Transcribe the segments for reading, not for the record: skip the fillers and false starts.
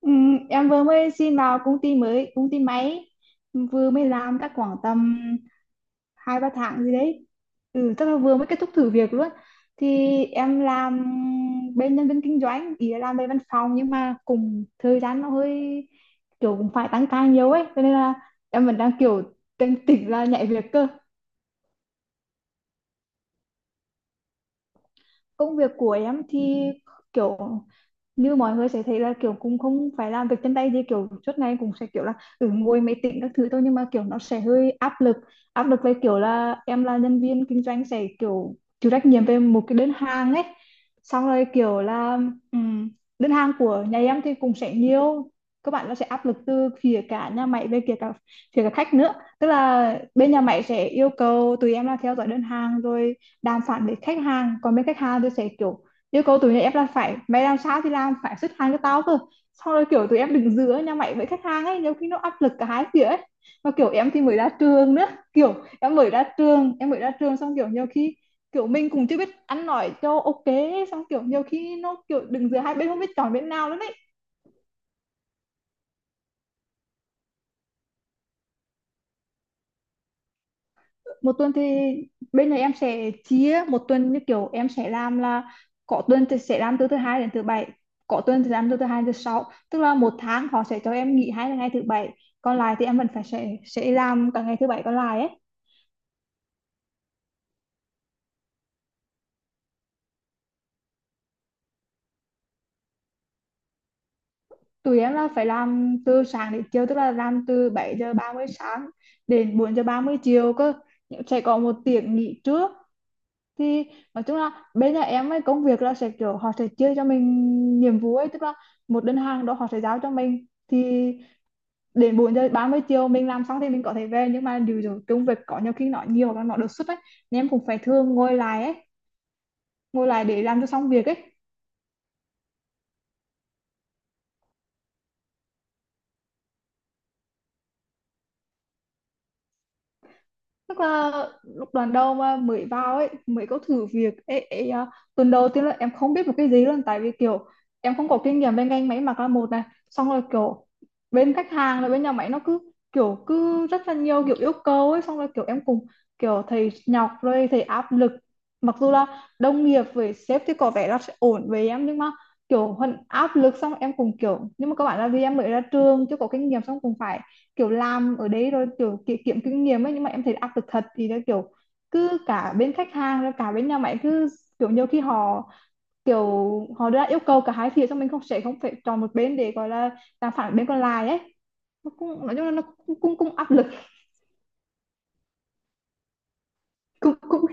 Ừ, em vừa mới xin vào công ty mới, công ty máy vừa mới làm chắc khoảng tầm 2-3 tháng gì đấy. Ừ, chắc là vừa mới kết thúc thử việc luôn. Thì em làm bên nhân viên kinh doanh, ý là làm bên văn phòng nhưng mà cùng thời gian nó hơi kiểu cũng phải tăng ca nhiều ấy, cho nên là em vẫn đang kiểu tỉnh tỉnh là nhảy việc cơ. Công việc của em thì kiểu như mọi người sẽ thấy là kiểu cũng không phải làm việc chân tay gì, kiểu suốt ngày cũng sẽ kiểu là ngồi máy tính các thứ thôi, nhưng mà kiểu nó sẽ hơi áp lực. Áp lực về kiểu là em là nhân viên kinh doanh sẽ kiểu chịu trách nhiệm về một cái đơn hàng ấy, xong rồi kiểu là ừm, đơn hàng của nhà em thì cũng sẽ nhiều. Các bạn nó sẽ áp lực từ phía cả nhà máy, về phía cả khách nữa. Tức là bên nhà máy sẽ yêu cầu tụi em là theo dõi đơn hàng, rồi đàm phán với khách hàng, còn bên khách hàng thì sẽ kiểu yêu cầu tụi này em là phải mày làm sao thì làm, phải xuất hàng cho tao cơ. Sau rồi kiểu tụi em đứng giữa nhà mày với khách hàng ấy, nhiều khi nó áp lực cả hai phía ấy, mà kiểu em thì mới ra trường nữa. Kiểu em mới ra trường xong kiểu nhiều khi, kiểu mình cũng chưa biết ăn nói cho ok, xong kiểu nhiều khi nó kiểu đứng giữa hai bên không biết chọn bên nào nữa đấy. Một tuần thì bên này em sẽ chia một tuần như kiểu em sẽ làm là có tuần thì sẽ làm từ thứ hai đến thứ bảy, có tuần thì làm từ thứ hai đến thứ sáu. Tức là một tháng họ sẽ cho em nghỉ 2 ngày thứ bảy, còn lại thì em vẫn phải sẽ làm cả ngày thứ bảy còn lại ấy. Tụi em là phải làm từ sáng đến chiều, tức là làm từ 7:30 sáng đến 4:30 chiều cơ, sẽ có một tiếng nghỉ trước. Thì nói chung là bên nhà em ấy, công việc là sẽ kiểu họ sẽ chia cho mình nhiệm vụ ấy, tức là một đơn hàng đó họ sẽ giao cho mình thì đến 4:30 chiều mình làm xong thì mình có thể về, nhưng mà điều rồi công việc có nhiều khi nó nhiều và nó đột xuất ấy, nên em cũng phải thường ngồi lại ấy, ngồi lại để làm cho xong việc ấy. Tức là lúc đoàn đầu mà mới vào ấy, mới có thử việc ấy, tuần đầu tiên là em không biết một cái gì luôn, tại vì kiểu em không có kinh nghiệm bên ngành máy mặc là một này. Xong rồi kiểu bên khách hàng là bên nhà máy nó cứ kiểu cứ rất là nhiều kiểu yêu cầu ấy, xong rồi kiểu em cùng kiểu thầy nhọc rồi thầy áp lực, mặc dù là đồng nghiệp với sếp thì có vẻ là sẽ ổn với em, nhưng mà kiểu vẫn áp lực. Xong em cùng kiểu nhưng mà các bạn là vì em mới ra trường chưa có kinh nghiệm, xong cùng phải kiểu làm ở đấy rồi kiểu kiếm kinh nghiệm ấy. Nhưng mà em thấy áp lực thật thì là kiểu cứ cả bên khách hàng rồi cả bên nhà máy cứ kiểu nhiều khi họ kiểu họ đưa ra yêu cầu cả hai phía, xong mình không sẽ không phải chọn một bên để gọi là làm phản bên còn lại ấy. Nó cũng nói chung là nó cũng cũng, cũng áp lực. cũng cũng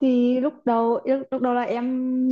thì lúc đầu lúc đầu là em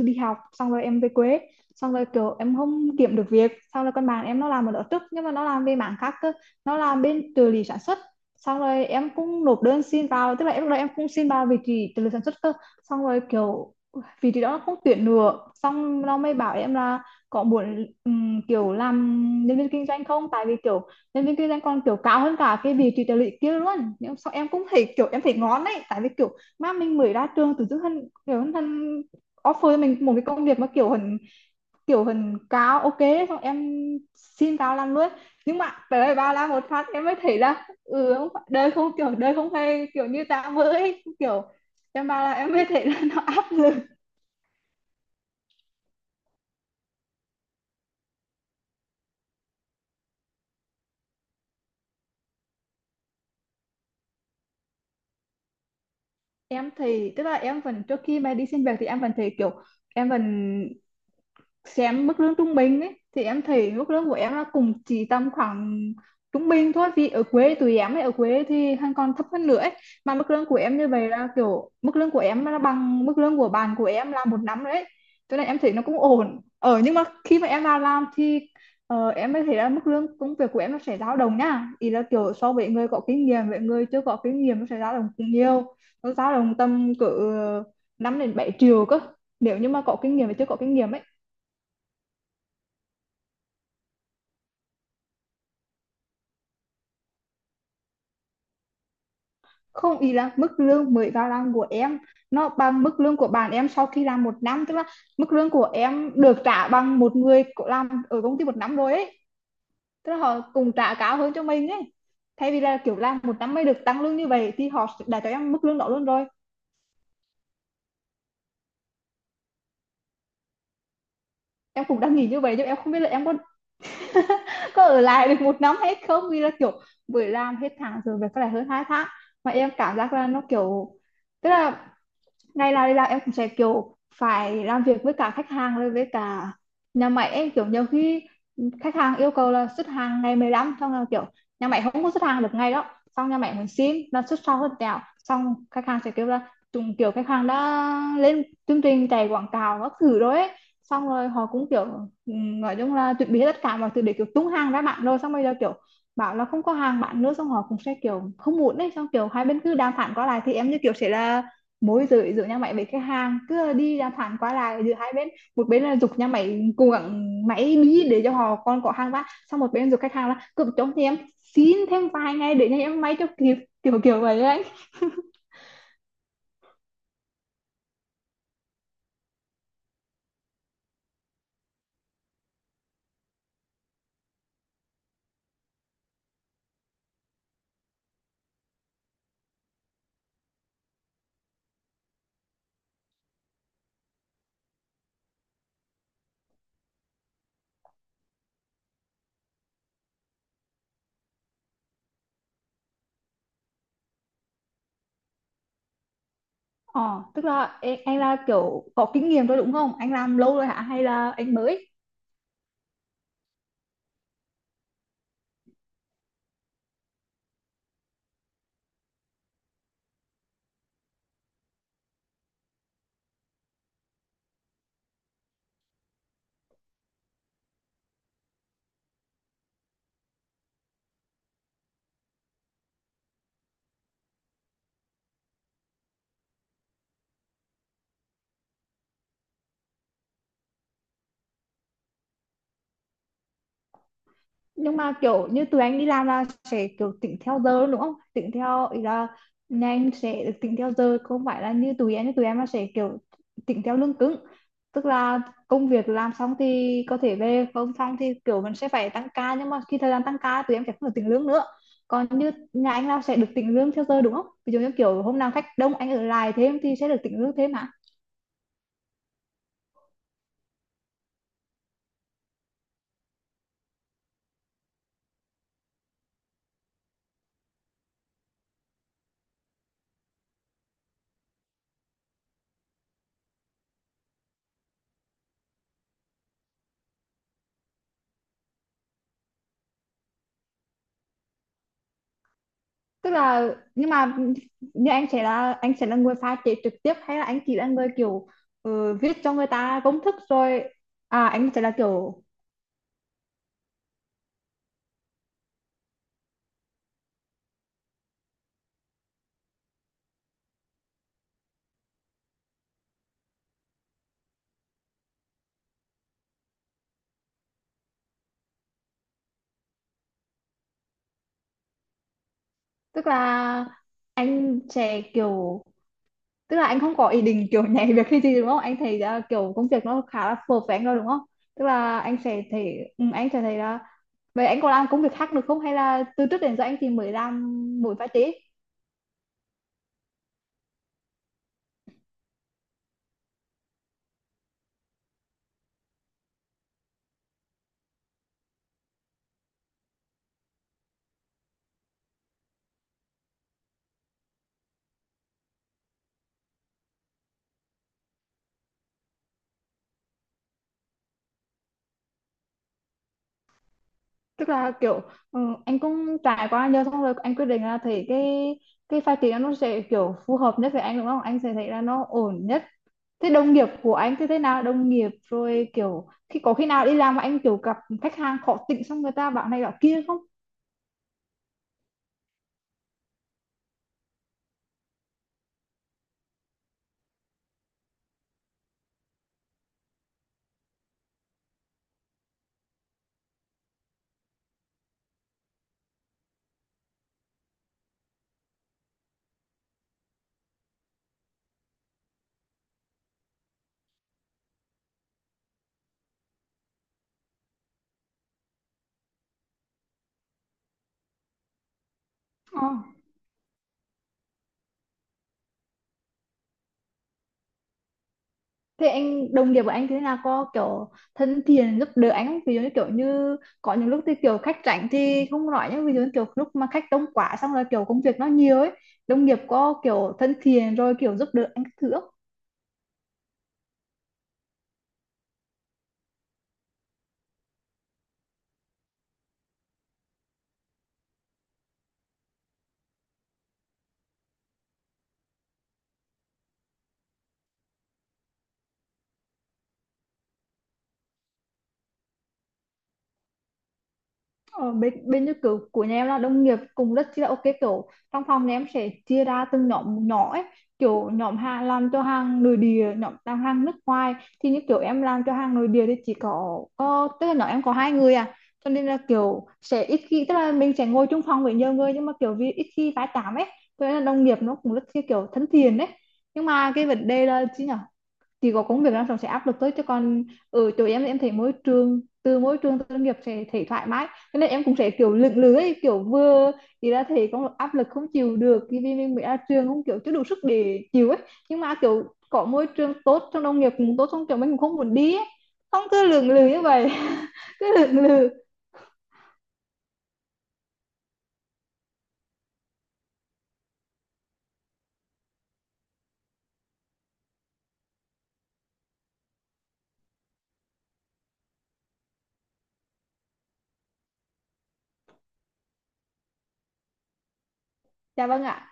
đi học xong rồi em về quê, xong rồi kiểu em không kiếm được việc, xong rồi con bạn em nó làm ở đó trước nhưng mà nó làm về mảng khác cơ, nó làm bên trợ lý sản xuất. Xong rồi em cũng nộp đơn xin vào, tức là em lúc đó em cũng xin vào vị trí trợ lý sản xuất cơ, xong rồi kiểu vị trí đó nó không tuyển nữa, xong nó mới bảo em là có muốn kiểu làm nhân viên kinh doanh không, tại vì kiểu nhân viên kinh doanh còn kiểu cao hơn cả cái vị trí trợ lý kia luôn. Nhưng sau em cũng thấy kiểu em thấy ngon đấy, tại vì kiểu mà mình mới ra trường tự dưng hắn offer cho mình một cái công việc mà kiểu hình, kiểu hình cao ok, xong em xin cao làm luôn. Nhưng mà tới đây ba la một phát em mới thấy là ừ không phải- đời không kiểu đời không phải kiểu như ta với kiểu em ba là em mới thấy là nó áp lực. Em thì tức là em vẫn trước khi mà đi xin việc thì em vẫn thấy kiểu em vẫn xem mức lương trung bình ấy, thì em thấy mức lương của em nó cũng chỉ tầm khoảng trung bình thôi, vì ở quê tụi em ấy ở quê thì hắn còn thấp hơn nữa ấy. Mà mức lương của em như vậy là kiểu mức lương của em nó bằng mức lương của bạn của em là một năm đấy, cho nên em thấy nó cũng ổn ở, nhưng mà khi mà em vào làm thì em mới thấy là mức lương công việc của em nó sẽ dao động nha, ý là kiểu so với người có kinh nghiệm với người chưa có kinh nghiệm nó sẽ dao động cũng nhiều, nó dao động tầm cỡ 5 đến 7 triệu cơ nếu như mà có kinh nghiệm và chưa có kinh nghiệm ấy. Không, ý là mức lương mới vào làm của em nó bằng mức lương của bạn em sau khi làm một năm, tức là mức lương của em được trả bằng một người có làm ở công ty một năm rồi ấy, tức là họ cùng trả cao hơn cho mình ấy, thay vì là kiểu làm một năm mới được tăng lương như vậy thì họ đã cho em mức lương đó luôn rồi. Em cũng đang nghĩ như vậy, nhưng em không biết là em có có ở lại được một năm hay không, vì là kiểu vừa làm hết tháng rồi về có lại hơn 2 tháng mà em cảm giác là nó kiểu, tức là ngày nào đi làm em cũng sẽ kiểu phải làm việc với cả khách hàng rồi với cả nhà máy em, kiểu nhiều khi khách hàng yêu cầu là xuất hàng ngày 15, xong là kiểu nhà máy không có xuất hàng được ngay đó, xong nhà máy muốn xin là xuất sau hơn tẹo, xong khách hàng sẽ kêu là chúng kiểu khách hàng đã lên chương trình chạy quảng cáo các thứ rồi ấy. Xong rồi họ cũng kiểu nói chung là chuẩn bị hết tất cả mọi thứ để kiểu tung hàng ra bạn rồi, xong bây giờ kiểu bảo là không có hàng bạn nữa, xong họ cũng sẽ kiểu không muốn đấy, xong kiểu hai bên cứ đàm phán qua lại, thì em như kiểu sẽ là mối giữa giữa nhà máy với khách hàng, cứ đi đàm phán qua lại giữa hai bên, một bên là giục nhà máy cố gắng máy bí để cho họ còn có hàng bán, xong một bên giục khách hàng là cứ cho thì em xin thêm vài ngày để nhà em máy cho kịp, kiểu kiểu vậy ấy. Ờ Tức là anh là kiểu có kinh nghiệm rồi đúng không, anh làm lâu rồi hả hay là anh mới? Nhưng mà kiểu như tụi anh đi làm là sẽ kiểu tính theo giờ luôn đúng không, tính theo ý là nhà anh sẽ được tính theo giờ, không phải là như tụi anh tụi em là sẽ kiểu tính theo lương cứng, tức là công việc làm xong thì có thể về, không xong thì kiểu mình sẽ phải tăng ca, nhưng mà khi thời gian tăng ca tụi em sẽ không được tính lương nữa, còn như nhà anh là sẽ được tính lương theo giờ đúng không, ví dụ như kiểu hôm nào khách đông anh ở lại thêm thì sẽ được tính lương thêm hả? Tức là, nhưng mà như anh sẽ là người pha chế trực tiếp hay là anh chỉ là người kiểu viết cho người ta công thức rồi? À anh sẽ là kiểu, tức là anh sẽ kiểu, tức là anh không có ý định kiểu nhảy việc hay gì đúng không, anh thấy là kiểu công việc nó khá là phù hợp với anh rồi đúng không, tức là anh sẽ thấy anh sẽ thấy là vậy anh có làm công việc khác được không hay là từ trước đến giờ anh thì mới làm mỗi pha chế? Tức là kiểu ừ, anh cũng trải qua nhiều, xong rồi anh quyết định là thấy cái phát triển nó sẽ kiểu phù hợp nhất với anh đúng không, anh sẽ thấy là nó ổn nhất. Thế đồng nghiệp của anh thì thế nào, đồng nghiệp rồi kiểu khi có khi nào đi làm mà anh kiểu gặp khách hàng khó tính xong người ta bảo này bảo kia không? Ờ. Thế anh đồng nghiệp của anh thì thế nào, có kiểu thân thiện giúp đỡ anh không, ví dụ như kiểu như có những lúc thì kiểu khách rảnh thì không nói, nhưng ví dụ như kiểu lúc mà khách đông quá xong rồi kiểu công việc nó nhiều ấy, đồng nghiệp có kiểu thân thiện rồi kiểu giúp đỡ anh các thứ không? Ở bên bên như kiểu của nhà em là đồng nghiệp cùng rất chi là ok, kiểu trong phòng nhà em sẽ chia ra từng nhóm nhỏ ấy, kiểu nhóm hàng làm cho hàng nội địa, nhóm làm hàng nước ngoài. Thì như kiểu em làm cho hàng nội địa thì chỉ có tức là nhóm em có hai người à, cho nên là kiểu sẽ ít khi, tức là mình sẽ ngồi chung phòng với nhiều người nhưng mà kiểu vì ít khi tái tám ấy, cho nên là đồng nghiệp nó cũng rất chi kiểu thân thiện đấy. Nhưng mà cái vấn đề là chứ nhở, thì có công việc làm xong sẽ áp lực tới cho con, ở chỗ em thì em thấy môi trường từ nghiệp sẽ thấy thoải mái, cho nên em cũng sẽ kiểu lưỡng lự, kiểu vừa thì ra thì có áp lực không chịu được khi vì mình mới ra trường không kiểu chưa đủ sức để chịu ấy, nhưng mà kiểu có môi trường tốt trong nông nghiệp cũng tốt trong trường mình cũng không muốn đi ấy. Không cứ lưỡng lự như vậy. Cứ lưỡng lự. Dạ vâng ạ.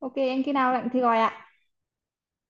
Ok em khi nào lạnh thì gọi ạ.